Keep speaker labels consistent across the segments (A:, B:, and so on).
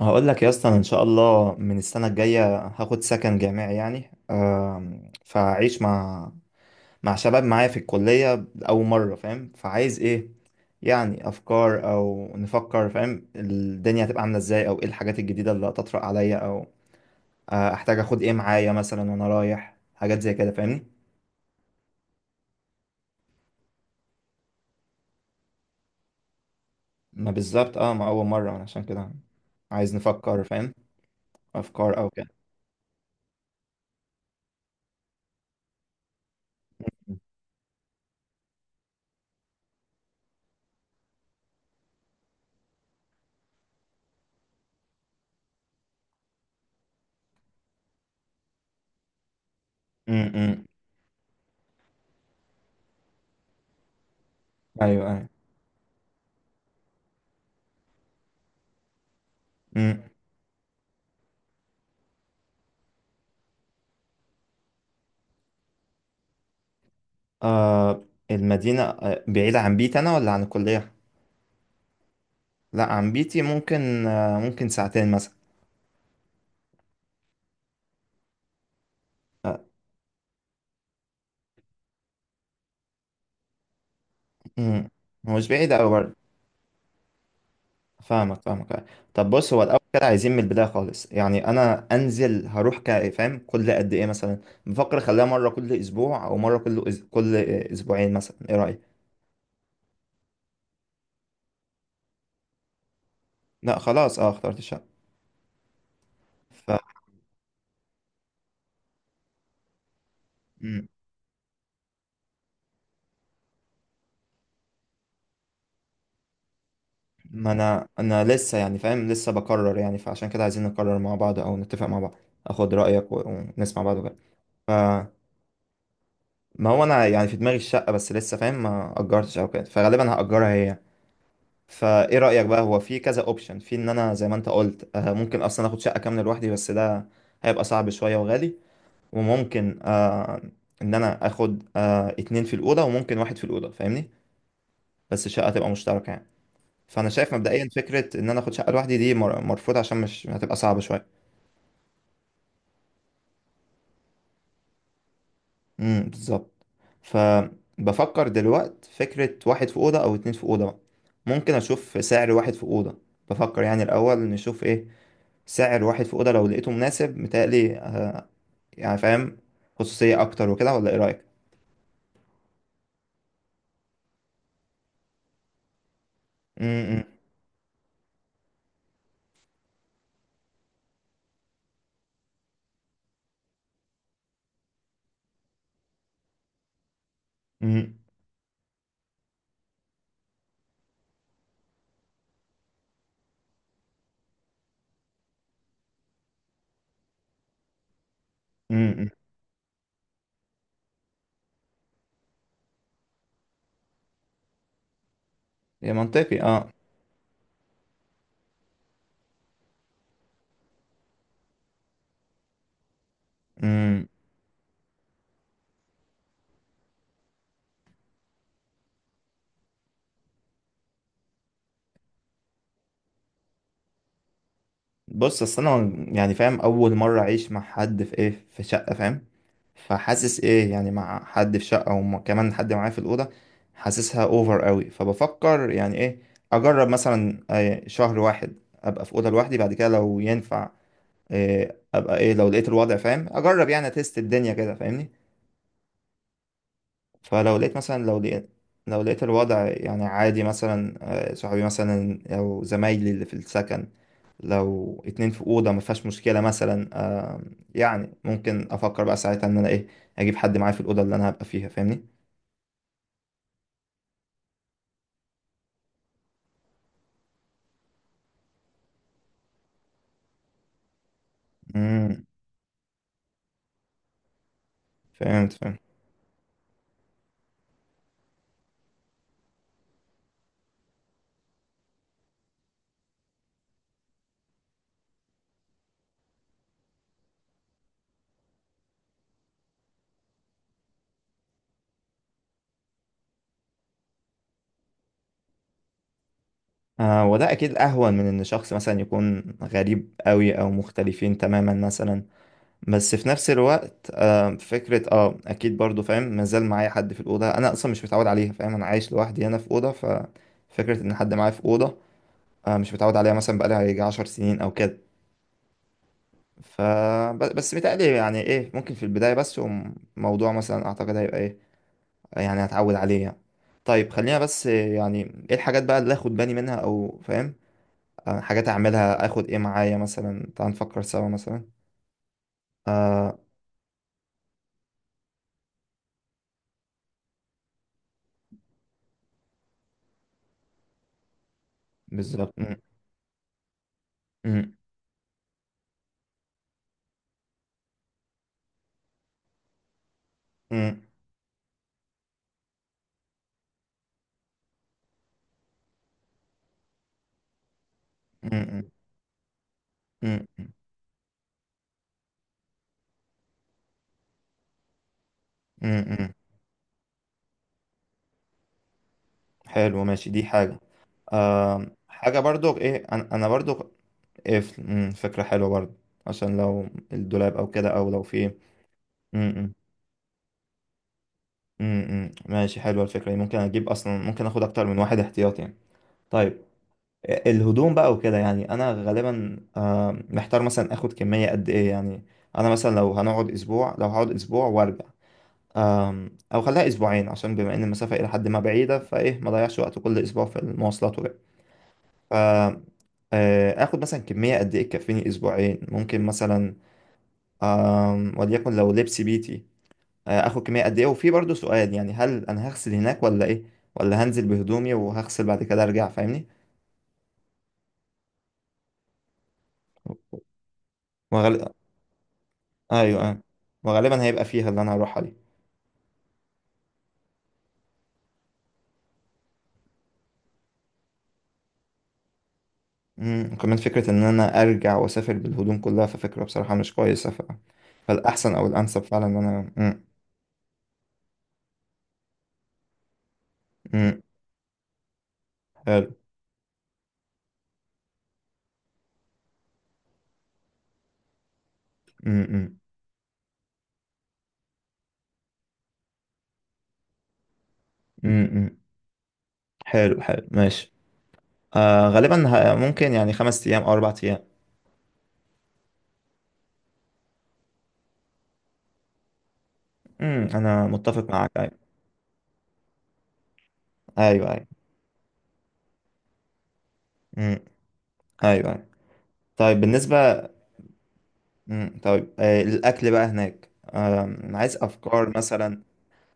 A: هقول لك يا اسطى، أنا ان شاء الله من السنه الجايه هاخد سكن جامعي، يعني فاعيش مع شباب معايا في الكليه اول مره، فاهم؟ فعايز ايه، يعني افكار، او نفكر، فاهم، الدنيا هتبقى عامله ازاي، او ايه الحاجات الجديده اللي هتطرق عليا، او احتاج اخد ايه معايا مثلا وانا رايح، حاجات زي كده فاهمني. ما بالظبط ما اول مره أنا عشان كده عايز نفكر، فاهم، افكار او كده. امم، ايوه ايوه. آه المدينة آه بعيدة عن بيتي أنا ولا عن الكلية؟ لا عن بيتي، ممكن آه ممكن ساعتين مثلا. آه. مم. هو مش بعيدة أوي برضه. فاهمك فاهمك آه. طب بص، هو الأول كده عايزين من البداية خالص. يعني أنا أنزل هروح فاهم كل قد إيه مثلا؟ بفكر أخليها مرة كل أسبوع أو مرة كل كل أسبوعين مثلا، إيه رأيك؟ لا خلاص، أه اخترت الشقة. ف مم. ما أنا لسه يعني فاهم، لسه بقرر، يعني فعشان كده عايزين نقرر مع بعض أو نتفق مع بعض، أخد رأيك ونسمع بعض وكده. ما هو انا يعني في دماغي الشقه بس، لسه فاهم ما اجرتش او كده، فغالبا هاجرها هي. فايه رايك بقى؟ هو في كذا اوبشن، في ان انا زي ما انت قلت ممكن اصلا اخد شقه كامله لوحدي، بس ده هيبقى صعب شويه وغالي. وممكن آه ان انا اخد آه اتنين في الاوضه، وممكن واحد في الاوضه فاهمني، بس الشقه تبقى مشتركه يعني. فانا شايف مبدئيا فكره ان انا اخد شقه لوحدي دي مرفوضه، عشان مش هتبقى صعبه شويه. بالظبط. فبفكر دلوقت فكرة واحد في أوضة أو اتنين في أوضة بقى. ممكن أشوف سعر واحد في أوضة، بفكر يعني الأول نشوف إيه سعر واحد في أوضة، لو لقيته مناسب متهيألي يعني فاهم، خصوصية أكتر وكده، ولا إيه رأيك؟ امم امم امم امم، امم. يا منطقي أه. امم بص، أصل أنا يعني فاهم أول مرة أعيش مع حد في إيه، في شقة فاهم، فحاسس ايه يعني مع حد في شقة وكمان حد معايا في الأوضة، حاسسها اوفر قوي. فبفكر يعني ايه، اجرب مثلا شهر واحد ابقى في أوضة لوحدي، بعد كده لو ينفع ابقى ايه، لو لقيت الوضع فاهم، اجرب يعني اتست الدنيا كده فاهمني. فلو لقيت لو لقيت الوضع يعني عادي مثلا صحابي مثلا او زمايلي اللي في السكن، لو اتنين في أوضة ما فيهاش مشكلة مثلا يعني ممكن افكر بقى ساعتها ان انا ايه، اجيب حد معايا في الأوضة اللي انا هبقى فيها فاهمني. امم. فهمت فهمت. آه وده اكيد اهون من ان شخص مثلا يكون غريب قوي او مختلفين تماما مثلا. بس في نفس الوقت آه فكرة اه اكيد برضو فاهم، مازال معايا حد في الاوضة انا اصلا مش متعود عليها، فاهم؟ انا عايش لوحدي هنا في اوضة، ففكرة ان حد معايا في اوضة آه مش متعود عليها مثلا، بقالي هيجي عشر سنين او كده. ف بس متهيألي يعني ايه ممكن في البداية بس، وموضوع مثلا اعتقد هيبقى ايه، يعني هتعود عليه يعني. طيب خلينا بس يعني ايه الحاجات بقى اللي اخد بالي منها، او فاهم حاجات اعملها، اخد ايه معايا مثلا، تعال نفكر سوا مثلا. آه، بالظبط. م- م- م- م- م- م- م- م. حلو ماشي، دي حاجة. آه حاجة برضو ايه، انا برضو ايه ف- م، فكرة حلوة برضو، عشان لو الدولاب او كده، او لو في م- م- م- م. ماشي حلوة الفكرة دي. ممكن اجيب اصلا ممكن اخد اكتر من واحد احتياطي يعني. طيب الهدوم بقى وكده، يعني انا غالبا محتار مثلا اخد كمية قد ايه يعني، انا مثلا لو هنقعد اسبوع، لو هقعد اسبوع وارجع، او خليها اسبوعين عشان بما ان المسافة الى حد ما بعيدة، فايه ما ضيعش وقت كل اسبوع في المواصلات وكده. ف اخد مثلا كمية قد ايه تكفيني اسبوعين ممكن مثلا، وليكن لو لبس بيتي اخد كمية قد ايه، وفي برضو سؤال يعني، هل انا هغسل هناك ولا ايه؟ ولا هنزل بهدومي وهغسل بعد كده ارجع فاهمني. ايوه ايوه، وغالبا هيبقى فيها اللي انا هروحها دي. امم، كمان فكرة ان انا ارجع واسافر بالهدوم كلها ففكرة بصراحة مش كويسة فالاحسن او الانسب فعلا ان انا امم. امم حلو. امم امم. حلو حلو ماشي. آه غالبا ممكن يعني خمس ايام او اربع ايام. انا متفق معاك ايوه. ايوه ايوه. امم ايوه ايوه. طيب بالنسبة، طيب آه الاكل بقى هناك، آه عايز افكار مثلا،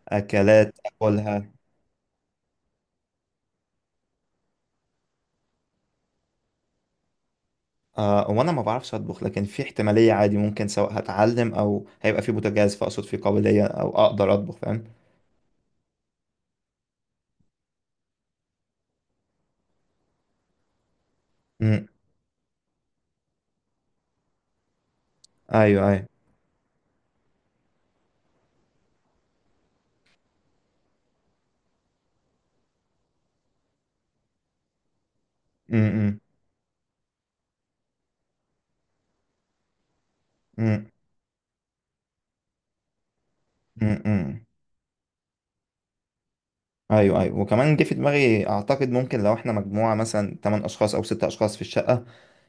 A: اكلات اكلها. آه وانا ما بعرفش اطبخ، لكن في احتمالية عادي ممكن، سواء هتعلم او هيبقى في بوتاجاز، فاقصد في قابلية او اقدر اطبخ فاهم. امم ايوه ايوه. امم امم امم. ايوه ايوه، وكمان جه في دماغي اعتقد ممكن لو احنا مجموعة مثلا 8 اشخاص او 6 اشخاص في الشقة،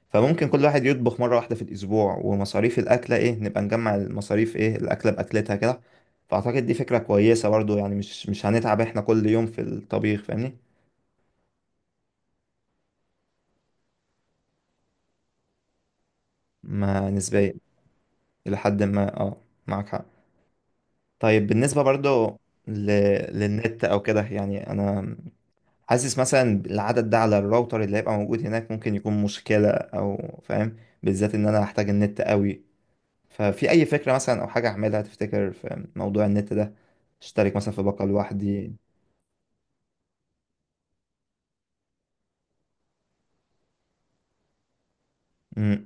A: فممكن كل واحد يطبخ مرة واحدة في الاسبوع، ومصاريف الاكلة ايه نبقى نجمع المصاريف ايه الاكلة باكلتها كده. فاعتقد دي فكرة كويسة برضو، يعني مش هنتعب احنا كل يوم في الطبيخ فاهمني. ما نسبيا، الى حد ما اه، معاك حق. طيب بالنسبة برضو ل... للنت أو كده، يعني أنا حاسس مثلا العدد ده على الراوتر اللي هيبقى موجود هناك ممكن يكون مشكلة، أو فاهم، بالذات إن أنا هحتاج النت قوي. ففي أي فكرة مثلا أو حاجة أعملها تفتكر في موضوع النت ده؟ أشترك مثلا في باقة لوحدي؟ أمم،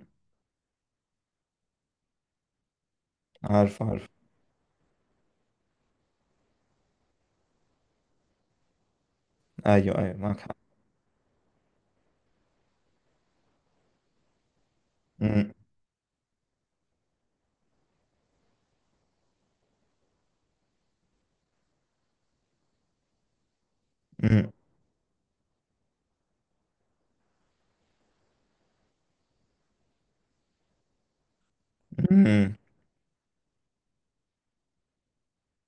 A: عارف عارف، أيوه أيوه معاك حق. أمم، أمم، أمم.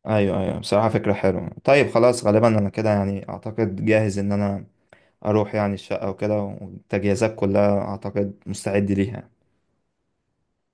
A: أيوه أيوه بصراحة فكرة حلوة. طيب خلاص غالبا أنا كده يعني أعتقد جاهز إن أنا اروح يعني الشقة وكده، والتجهيزات كلها اعتقد مستعد ليها يعني.